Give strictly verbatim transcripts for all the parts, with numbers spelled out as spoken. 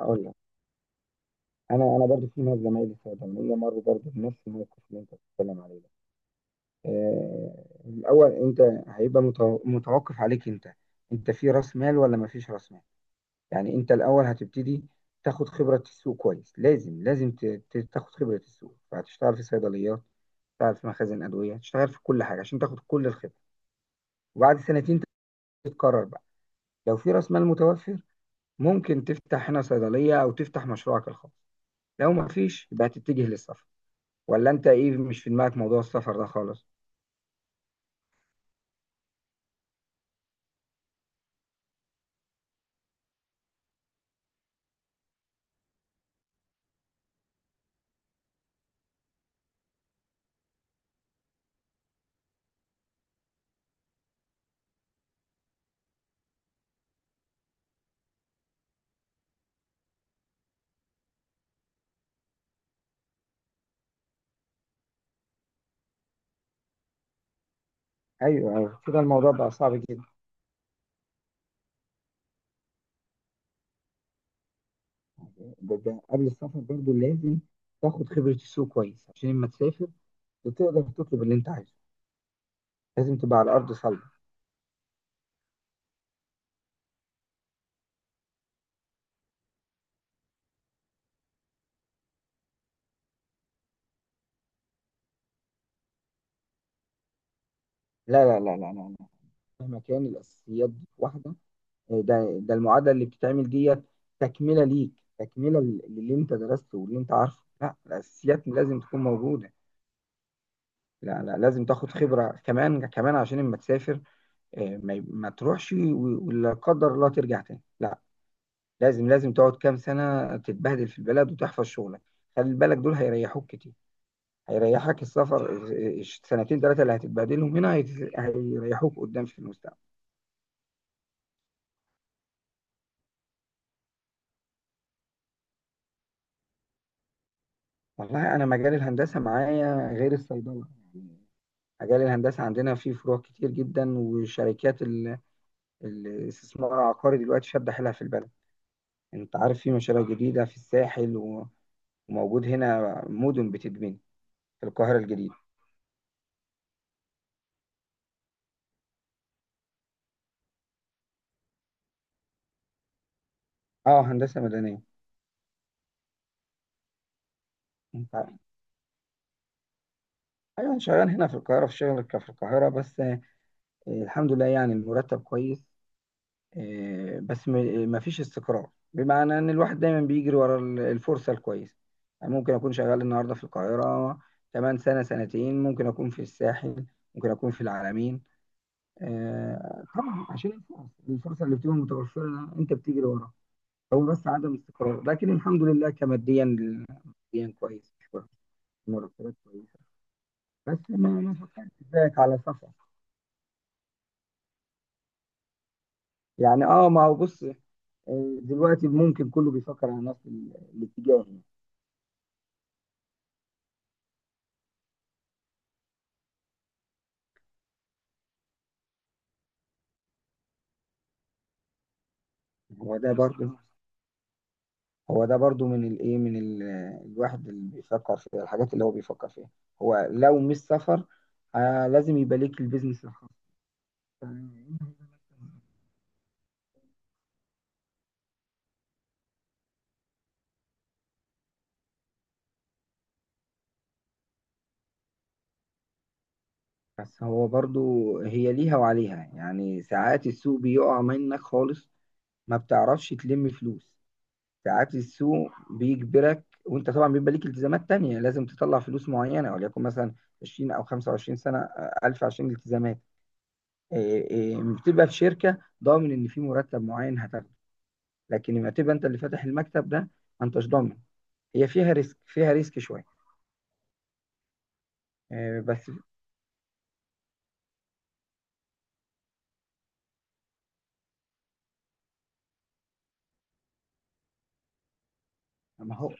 هقول لك. انا انا برضو في ناس زمايلي في الجمعيه مروا برضو بنفس الموقف اللي انت بتتكلم عليه ده. آه، الاول انت هيبقى متو- متوقف عليك انت. انت في راس مال ولا ما فيش راس مال؟ يعني انت الاول هتبتدي تاخد خبره السوق كويس. لازم لازم ت- ت- تاخد خبره السوق، فهتشتغل في صيدليات، تشتغل في مخازن ادويه، تشتغل في كل حاجه عشان تاخد كل الخبره. وبعد سنتين تتقرر بقى. لو في راس مال متوفر ممكن تفتح هنا صيدليه او تفتح مشروعك الخاص. لو ما فيش يبقى هتتجه للسفر. ولا انت ايه، مش في دماغك موضوع السفر ده خالص؟ ايوه ايوه، كده الموضوع بقى صعب جدا. ده, ده قبل السفر برضو لازم تاخد خبره السوق كويس عشان لما تسافر تقدر تطلب اللي انت عايزه. لازم تبقى على ارض صلبه. لا لا لا لا لا, لا. مهما كان الاساسيات دي واحده. آه، ده ده المعادله اللي بتتعمل ديت تكمله ليك، تكمله لل- للي انت درسته واللي انت عارفه. لا الاساسيات لازم تكون موجوده. لا لا، لازم تاخد خبره كمان كمان عشان لما تسافر. آه، ما, ما تروحش و- ولا قدر الله ترجع تاني، لا. لازم لازم تقعد كام سنة تتبهدل في البلد وتحفظ شغلك. خلي بالك دول هيريحوك كتير. هيريحك السفر، السنتين ثلاثة اللي هتتبهدلهم هنا هيت- هيريحوك قدام في المستقبل. والله أنا مجال الهندسة معايا غير الصيدلة يعني. مجال الهندسة عندنا فيه فروع كتير جدا، وشركات ال- الاستثمار العقاري دلوقتي شادة حيلها في البلد. أنت عارف في مشاريع جديدة في الساحل و- وموجود هنا مدن بتتبني في القاهرة الجديدة. أه، هندسة مدنية. أيوة أنا شغال هنا في القاهرة، في شركة في القاهرة بس. آه، الحمد لله يعني المرتب كويس. آه، بس م- مفيش استقرار، بمعنى إن الواحد دايما بيجري ورا ال- الفرصة الكويسة. يعني ممكن أكون شغال النهاردة في القاهرة، كمان سنة سنتين ممكن أكون في الساحل، ممكن أكون في العلمين. آه، طبعا عشان الفرص الفرصة اللي بتبقى متوفرة أنت بتجري وراها. هو بس عدم استقرار، لكن الحمد لله كماديا ماديا كويس، مرتبات كويسة. بس ما ما فكرتش زيك على سفر. يعني اه، ما هو بص. آه، دلوقتي ممكن كله بيفكر على نفس ال- الاتجاه يعني. هو ده برضه، هو ده برضه من الايه، من ال- الواحد اللي بيفكر في الحاجات اللي هو بيفكر فيها. هو لو مش سفر آه لازم يبقى ليك البيزنس الخاص. بس هو برضه هي ليها وعليها يعني. ساعات السوق بيقع منك خالص، ما بتعرفش تلم فلوس. ساعات السوق بيجبرك، وانت طبعا بيبقى ليك التزامات تانية لازم تطلع فلوس معينة، وليكن مثلا عشرين او خمسة وعشرين سنة آه، ألف عشان الالتزامات. إيه إيه، بتبقى في شركة ضامن ان في مرتب معين هتاخده. لكن لما تبقى انت اللي فاتح المكتب ده ما انتش ضامن. هي فيها ريسك، فيها ريسك شوية. إيه بس ما هو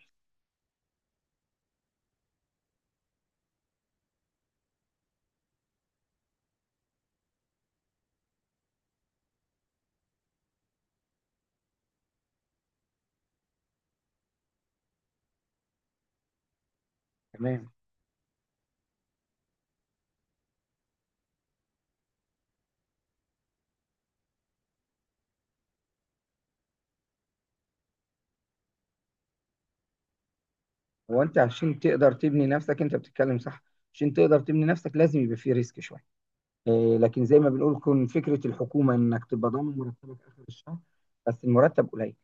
تمام. هو انت عشان تقدر تبني نفسك انت بتتكلم صح. عشان تقدر تبني نفسك لازم يبقى فيه ريسك شوية. آه، لكن زي ما بنقول كون فكره الحكومه انك تبقى ضامن مرتبك اخر الشهر، بس المرتب قليل.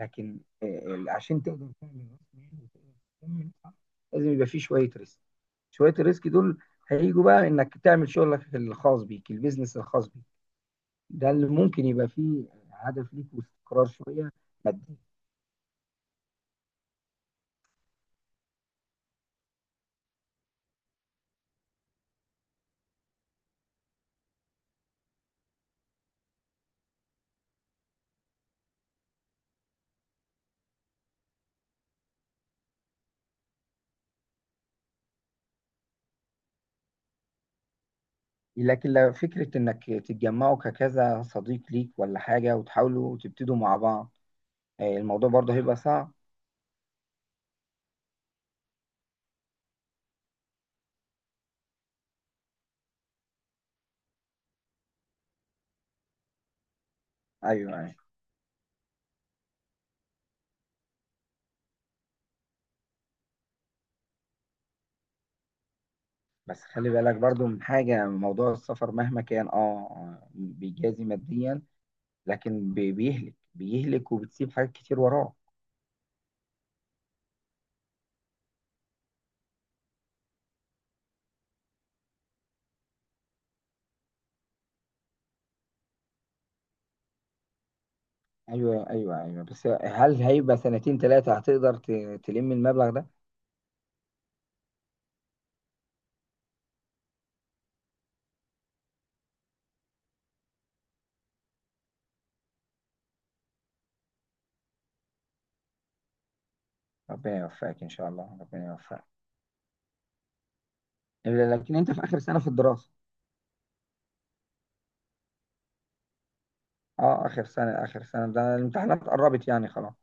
لكن آه، عشان تقدر تعمل راس مال وتقدر تكمل صح، لازم يبقى فيه شويه ريسك. شويه الريسك دول هيجوا بقى انك تعمل شغلك الخاص بيك، البيزنس الخاص بيك. ده اللي ممكن يبقى فيه هدف ليك واستقرار شويه مادي. لكن لو فكره انك تتجمعوا ككذا صديق ليك ولا حاجه وتحاولوا تبتدوا مع بعض، آه، الموضوع برضه هيبقى صعب. ايوه بس خلي بالك برضو من حاجة، موضوع السفر مهما كان اه بيجازي ماديا لكن بي- بيهلك بيهلك وبتسيب حاجات كتير وراه. ايوه ايوه ايوه. بس هل هيبقى سنتين ثلاثة هتقدر ت- تلم المبلغ ده؟ ربنا يوفقك ان شاء الله، ربنا يوفقك. إلا لكن انت في اخر سنة في الدراسة. اه اخر سنة اخر سنة، ده الامتحانات قربت يعني خلاص.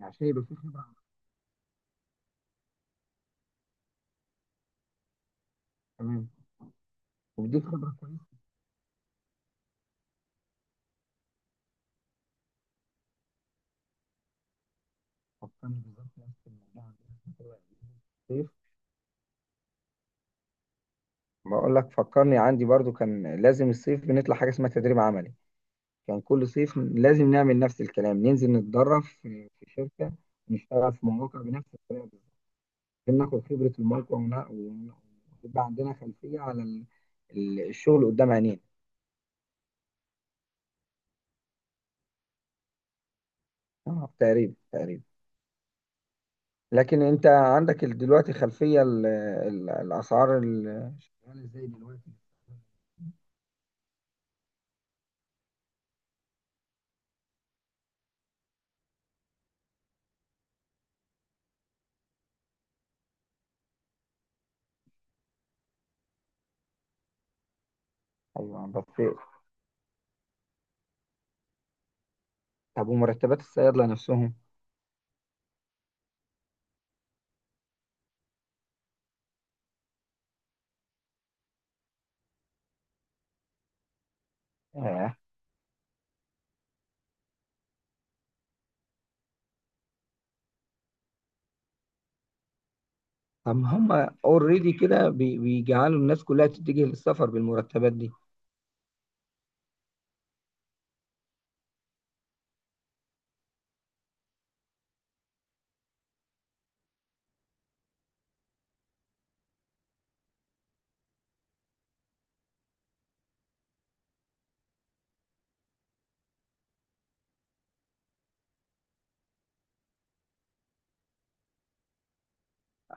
عشان يبقى في خبرة. تمام، وبديك خبرة كويسة. فكرني بالظبط نفس الموضوع عندنا في الكلية. بقول لك فكرني عندي برضو كان لازم الصيف بنطلع حاجة اسمها تدريب عملي. كان كل صيف لازم نعمل نفس الكلام، ننزل نتدرب في في شركة، نشتغل في مواقع بنفس الطريقة بالظبط عشان ناخد خبرة الموقع ون- ون- ويبقى عندنا خلفية على ال- ال- الشغل قدام عينينا. اه تقريبا تقريبا. لكن انت عندك ال- دلوقتي خلفية ال- ال- الأسعار ال- عاملة ازاي دلوقتي؟ ايوه بس. طب ومرتبات الصيادلة نفسهم؟ آه، طب ما هم اوريدي كده بي- بيجعلوا الناس كلها تتجه للسفر بالمرتبات دي.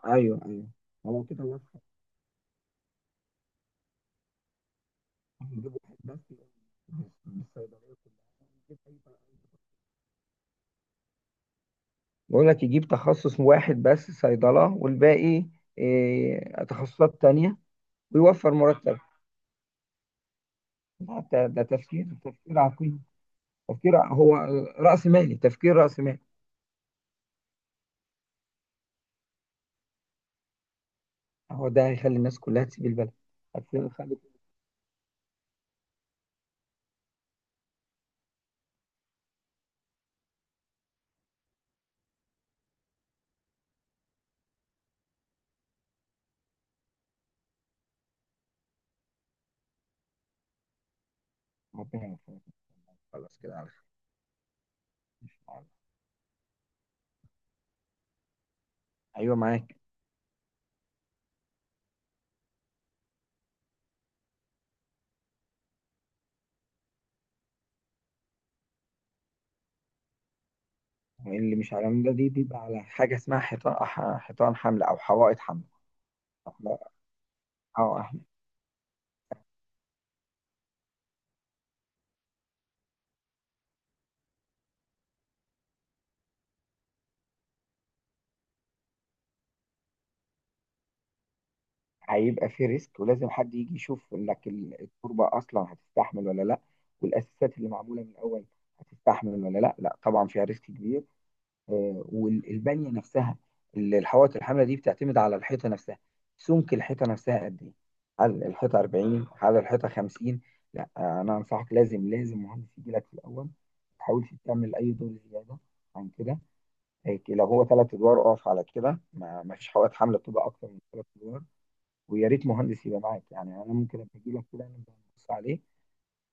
ايوه ايوه. هو كده واضحة. نجيب واحد بس من الصيدلية كلها، نجيب أي بقى- بقول لك يجيب تخصص واحد بس صيدلة والباقي إيه، تخصصات تانية، ويوفر مرتب. لا، ده ده تفكير تفكير عقيم. تفكير ع- هو رأس مالي، تفكير رأس مالي. هو ده هيخلي الناس كلها تسيب البلد. هتخلي- خلي- ربنا يوفقك. خلاص كده على خير. إن شاء الله. ايوه معاك. اللي مش على العمودة دي بيبقى على حاجة اسمها حيطان أح- حيطان حمل أو حوائط حمل. احنا اه احنا هيبقى في ريسك، ولازم حد يجي يشوف لك ال- التربة أصلا هتستحمل ولا لأ، والأساسات اللي معمولة من الأول هتستحمل ولا لأ. لأ طبعا فيها ريسك كبير. آه، والبنية نفسها اللي الحوائط الحاملة دي بتعتمد على الحيطة نفسها. سمك الحيطة نفسها قد إيه؟ هل الحيطة أربعين؟ هل الحيطة خمسين؟ لأ آه، أنا أنصحك لازم لازم مهندس يجي لك في الأول، ما تحاولش تعمل أي دور زيادة عن كده. هيك لو هو ثلاث ادوار اقف على كده، ما ما فيش حوائط حمل بتبقى اكتر من ثلاث ادوار. ويا ريت مهندس يبقى معاك يعني، انا ممكن ابقى اجي لك كده نبقى نبص عليه.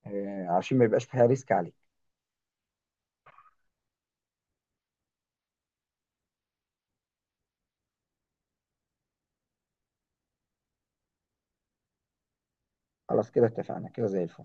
آه، عشان ما يبقاش فيها ريسك عليك. خلاص كده اتفقنا كده زي الفل.